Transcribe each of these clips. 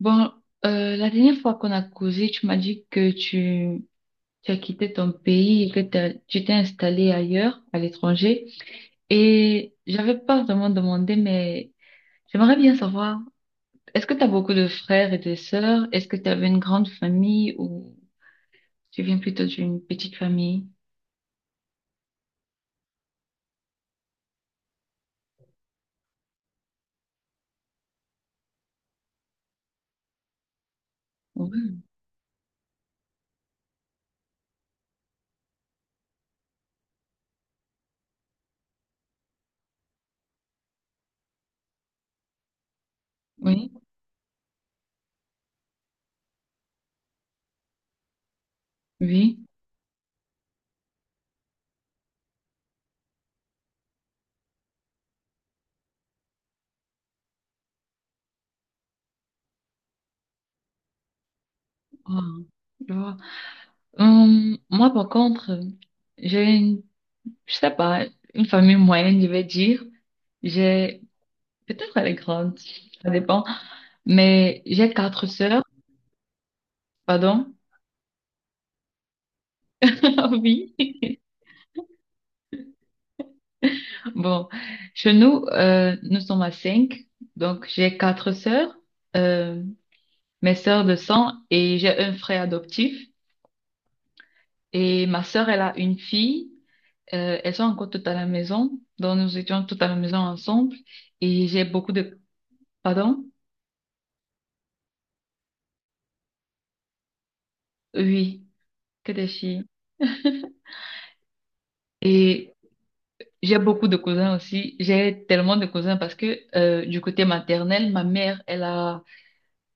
Bon, la dernière fois qu'on a causé, tu m'as dit que tu as quitté ton pays et que tu t'es installé ailleurs, à l'étranger. Et j'avais pas vraiment demandé, mais j'aimerais bien savoir, est-ce que tu as beaucoup de frères et de sœurs? Est-ce que tu avais une grande famille ou tu viens plutôt d'une petite famille? Oui, oui, oui. Ah, je vois. Moi, par contre, j'ai une, je sais pas, une famille moyenne, je vais dire. J'ai Peut-être elle est grande, ça dépend. Mais j'ai quatre sœurs, pardon. Oui. Bon, chez nous, nous sommes à cinq. Donc j'ai quatre sœurs, euh, mes sœurs de sang et j'ai un frère adoptif. Et ma sœur, elle a une fille. Elles sont encore toutes à la maison. Donc nous étions toutes à la maison ensemble. Et j'ai beaucoup de... Pardon? Oui, que des filles. Et j'ai beaucoup de cousins aussi. J'ai tellement de cousins parce que du côté maternel, ma mère, elle a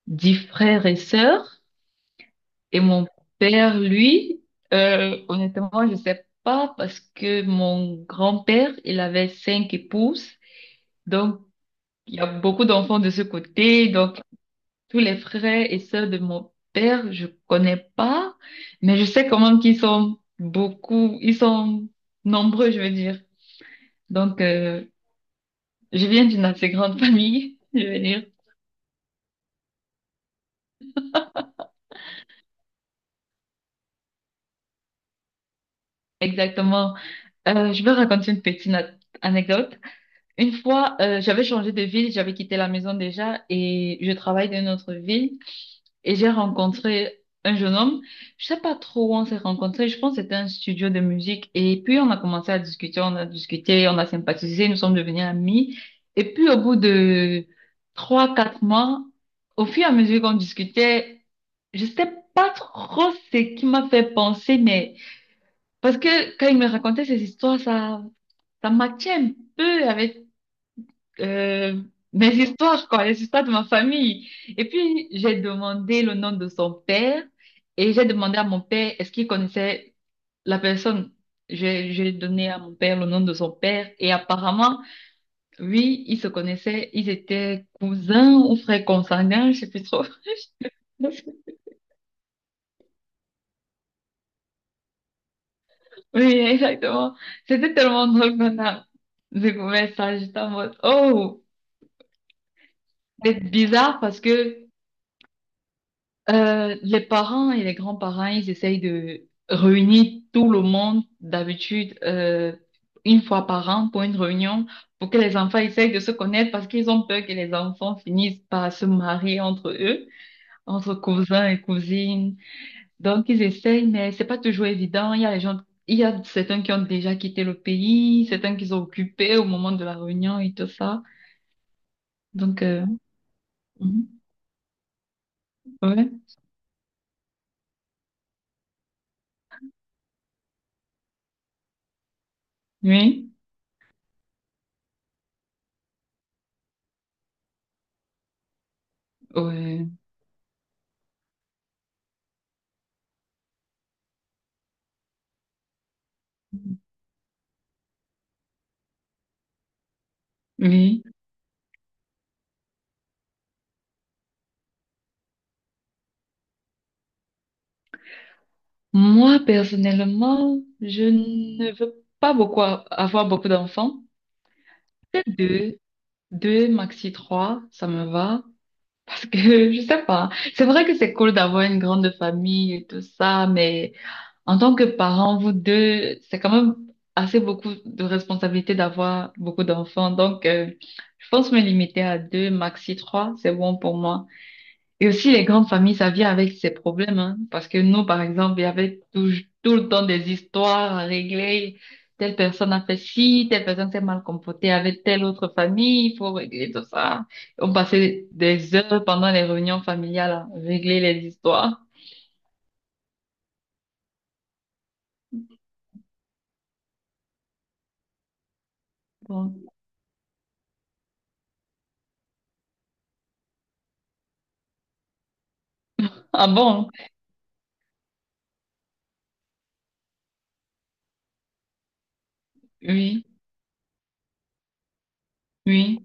10 frères et sœurs. Et mon père, lui, honnêtement, je sais pas parce que mon grand-père, il avait cinq épouses. Donc, il y a beaucoup d'enfants de ce côté. Donc, tous les frères et sœurs de mon père, je connais pas. Mais je sais quand même qu'ils sont beaucoup, ils sont nombreux, je veux dire. Donc, Je viens d'une assez grande famille, je veux dire. Exactement. Je vais raconter une petite anecdote. Une fois, j'avais changé de ville, j'avais quitté la maison déjà et je travaille dans une autre ville. Et j'ai rencontré un jeune homme. Je sais pas trop où on s'est rencontrés. Je pense que c'était un studio de musique. Et puis, on a commencé à discuter, on a discuté, on a sympathisé, nous sommes devenus amis. Et puis, au bout de 3, 4 mois, au fur et à mesure qu'on discutait, je sais pas trop ce qui m'a fait penser, mais parce que quand il me racontait ces histoires, ça matchait un peu avec euh, mes histoires, quoi, les histoires de ma famille. Et puis, j'ai demandé le nom de son père et j'ai demandé à mon père est-ce qu'il connaissait la personne. J'ai donné à mon père le nom de son père et apparemment, oui, ils se connaissaient, ils étaient cousins ou frères consanguins, je sais plus trop. Oui, exactement. C'était tellement drôle qu'on a découvert ça, j'étais en mode, oh, c'est bizarre parce que les parents et les grands-parents, ils essayent de réunir tout le monde d'habitude une fois par an pour une réunion pour que les enfants essayent de se connaître parce qu'ils ont peur que les enfants finissent par se marier entre eux, entre cousins et cousines. Donc ils essayent, mais c'est pas toujours évident. Il y a les gens, il y a certains qui ont déjà quitté le pays, certains qui sont occupés au moment de la réunion et tout ça. Donc mhm. Ouais, oui, ouais, oui. Moi, personnellement, je ne veux pas beaucoup avoir beaucoup d'enfants. Peut-être deux, deux, maxi trois, ça me va. Parce que, je sais pas. C'est vrai que c'est cool d'avoir une grande famille et tout ça, mais en tant que parent, vous deux, c'est quand même assez beaucoup de responsabilité d'avoir beaucoup d'enfants. Donc, je pense me limiter à deux, maxi trois, c'est bon pour moi. Et aussi, les grandes familles, ça vient avec ses problèmes, hein. Parce que nous, par exemple, il y avait tout le temps des histoires à régler. Telle personne a fait ci, telle personne s'est mal comportée avec telle autre famille, il faut régler tout ça. On passait des heures pendant les réunions familiales à régler les histoires. Bon. Ah bon? Oui, oui.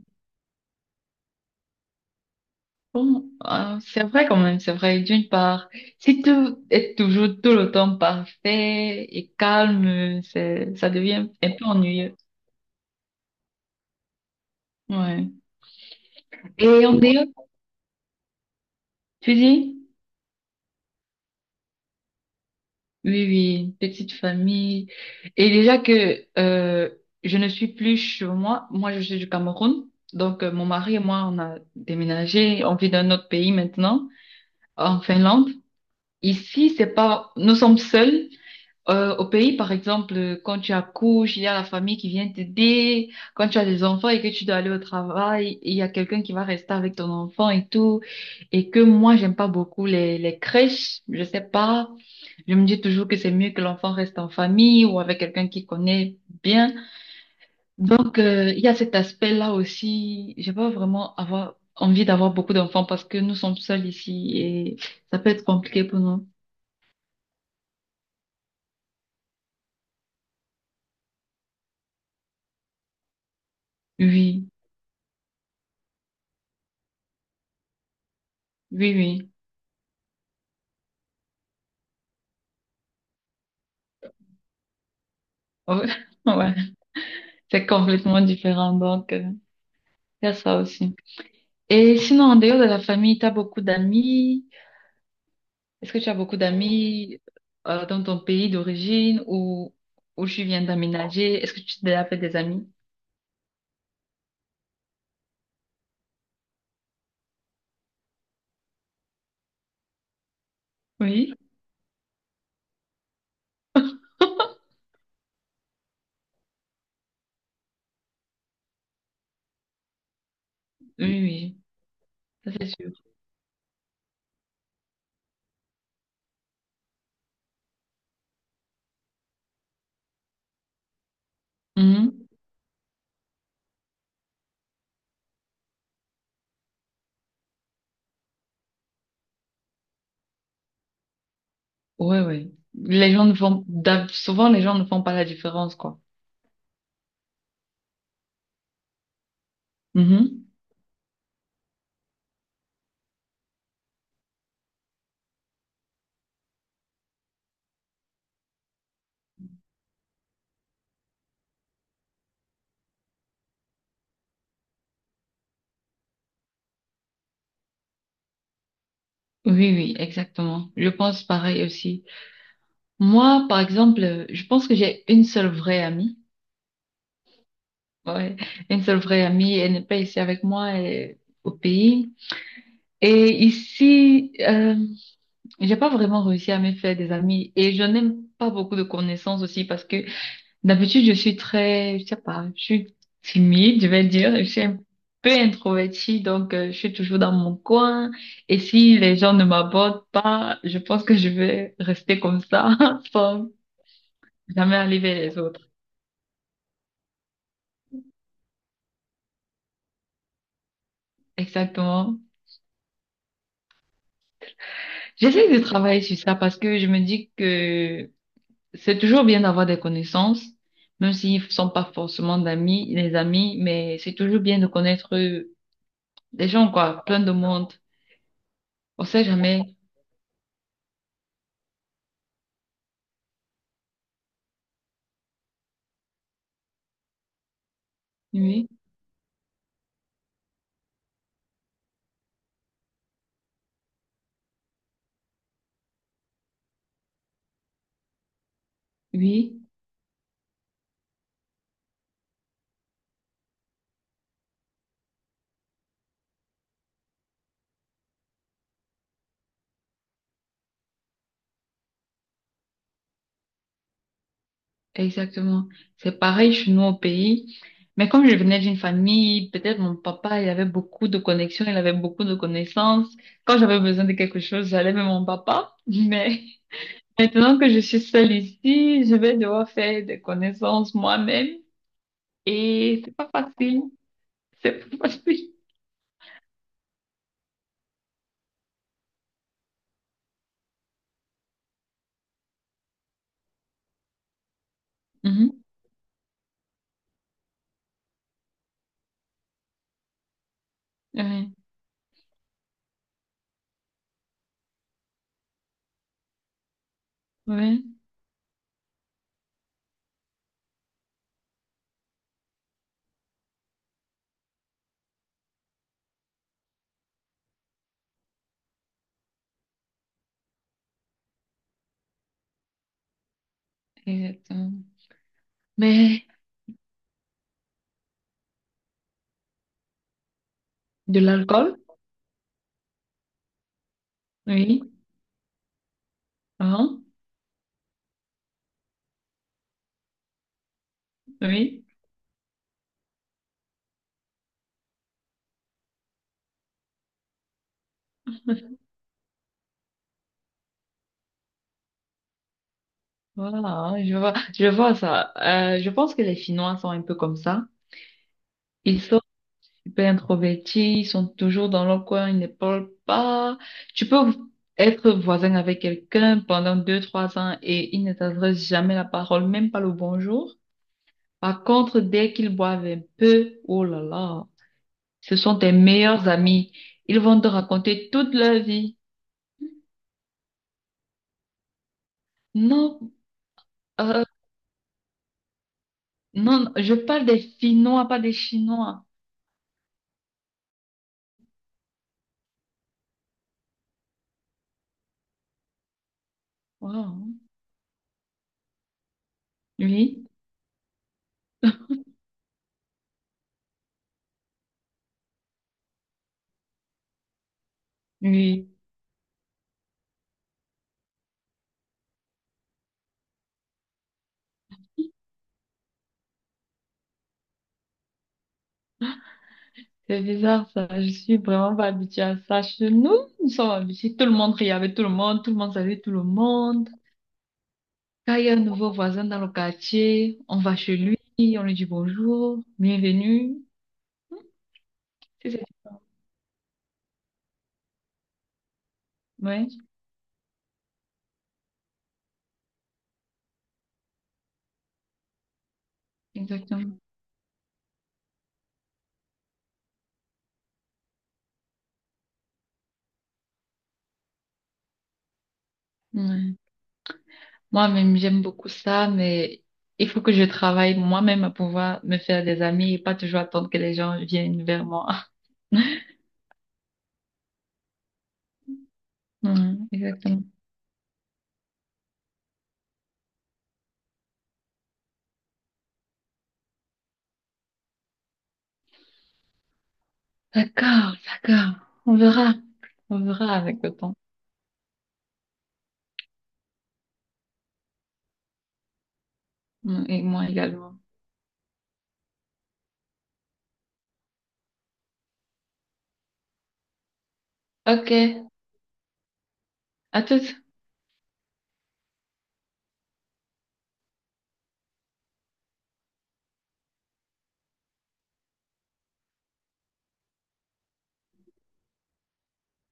Bon, ah, c'est vrai quand même, c'est vrai. D'une part, si tout est toujours tout le temps parfait et calme, c'est, ça devient un peu ennuyeux. Ouais. Et en dehors, tu dis? Oui, oui, petite famille. Et déjà que je ne suis plus chez moi, moi je suis du Cameroun, donc mon mari et moi on a déménagé, on vit dans un autre pays maintenant, en Finlande. Ici, c'est pas, nous sommes seuls. Au pays, par exemple, quand tu accouches, il y a la famille qui vient t'aider. Quand tu as des enfants et que tu dois aller au travail, il y a quelqu'un qui va rester avec ton enfant et tout. Et que moi, j'aime pas beaucoup les crèches. Je sais pas. Je me dis toujours que c'est mieux que l'enfant reste en famille ou avec quelqu'un qui connaît bien. Donc, il y a cet aspect-là aussi. J'ai pas vraiment avoir envie d'avoir beaucoup d'enfants parce que nous sommes seuls ici et ça peut être compliqué pour nous. Oui, oui, oui. Ouais. C'est complètement différent, donc il y a ça aussi. Et sinon, en dehors de la famille, tu as beaucoup d'amis. Est-ce que tu as beaucoup d'amis dans ton pays d'origine ou où tu viens d'aménager? Est-ce que tu t'es déjà fait des amis? Oui. Oui, oui, ça c'est sûr. Mhm. Ouais, ouais. Les gens ne font, souvent les gens ne font pas la différence, quoi. Mhm. Oui, oui, exactement. Je pense pareil aussi. Moi, par exemple, je pense que j'ai une seule vraie amie. Ouais, une seule vraie amie, elle n'est pas ici avec moi, elle est au pays. Et ici, j'ai pas vraiment réussi à me faire des amis et je n'aime pas beaucoup de connaissances aussi parce que d'habitude je suis très, je sais pas, je suis timide, je vais dire, je suis un peu introvertie donc je suis toujours dans mon coin et si les gens ne m'abordent pas, je pense que je vais rester comme ça sans jamais aller vers les autres. Exactement. J'essaie de travailler sur ça parce que je me dis que c'est toujours bien d'avoir des connaissances, même s'ils ne sont pas forcément d'amis, les amis, mais c'est toujours bien de connaître des gens, quoi, plein de monde. On sait jamais. Oui, oui, exactement. C'est pareil chez nous au pays. Mais comme je venais d'une famille, peut-être mon papa, il avait beaucoup de connexions, il avait beaucoup de connaissances. Quand j'avais besoin de quelque chose, j'allais vers mon papa. Mais maintenant que je suis seule ici, je vais devoir faire des connaissances moi-même. Et c'est pas facile. C'est facile. Mhm. Ouais, ouais, exactement. Mais de l'alcool? Oui. Hein? Oui. Voilà, je vois ça. Je pense que les Chinois sont un peu comme ça. Ils sont super introvertis, ils sont toujours dans leur coin, ils ne parlent pas. Tu peux être voisin avec quelqu'un pendant 2, 3 ans et ils ne t'adressent jamais la parole, même pas le bonjour. Par contre, dès qu'ils boivent un peu, oh là là. Ce sont tes meilleurs amis. Ils vont te raconter toute leur vie. Non, euh, non, je parle des Finnois, pas des Chinois. Wow. Oui, oui. C'est bizarre ça. Je suis vraiment pas habituée à ça. Chez nous, nous sommes habitués. Tout le monde riait avec tout le monde. Tout le monde savait tout le monde. Quand il y a un nouveau voisin dans le quartier, on va chez lui, on lui dit bonjour, bienvenue. C'est ça. Ouais, exactement. Ouais. Moi-même, j'aime beaucoup ça, mais il faut que je travaille moi-même à pouvoir me faire des amis et pas toujours attendre que les gens viennent vers moi. Ouais, exactement. D'accord, d'accord. On verra. On verra avec le temps. Mm, et moi également. Ok, à toutes.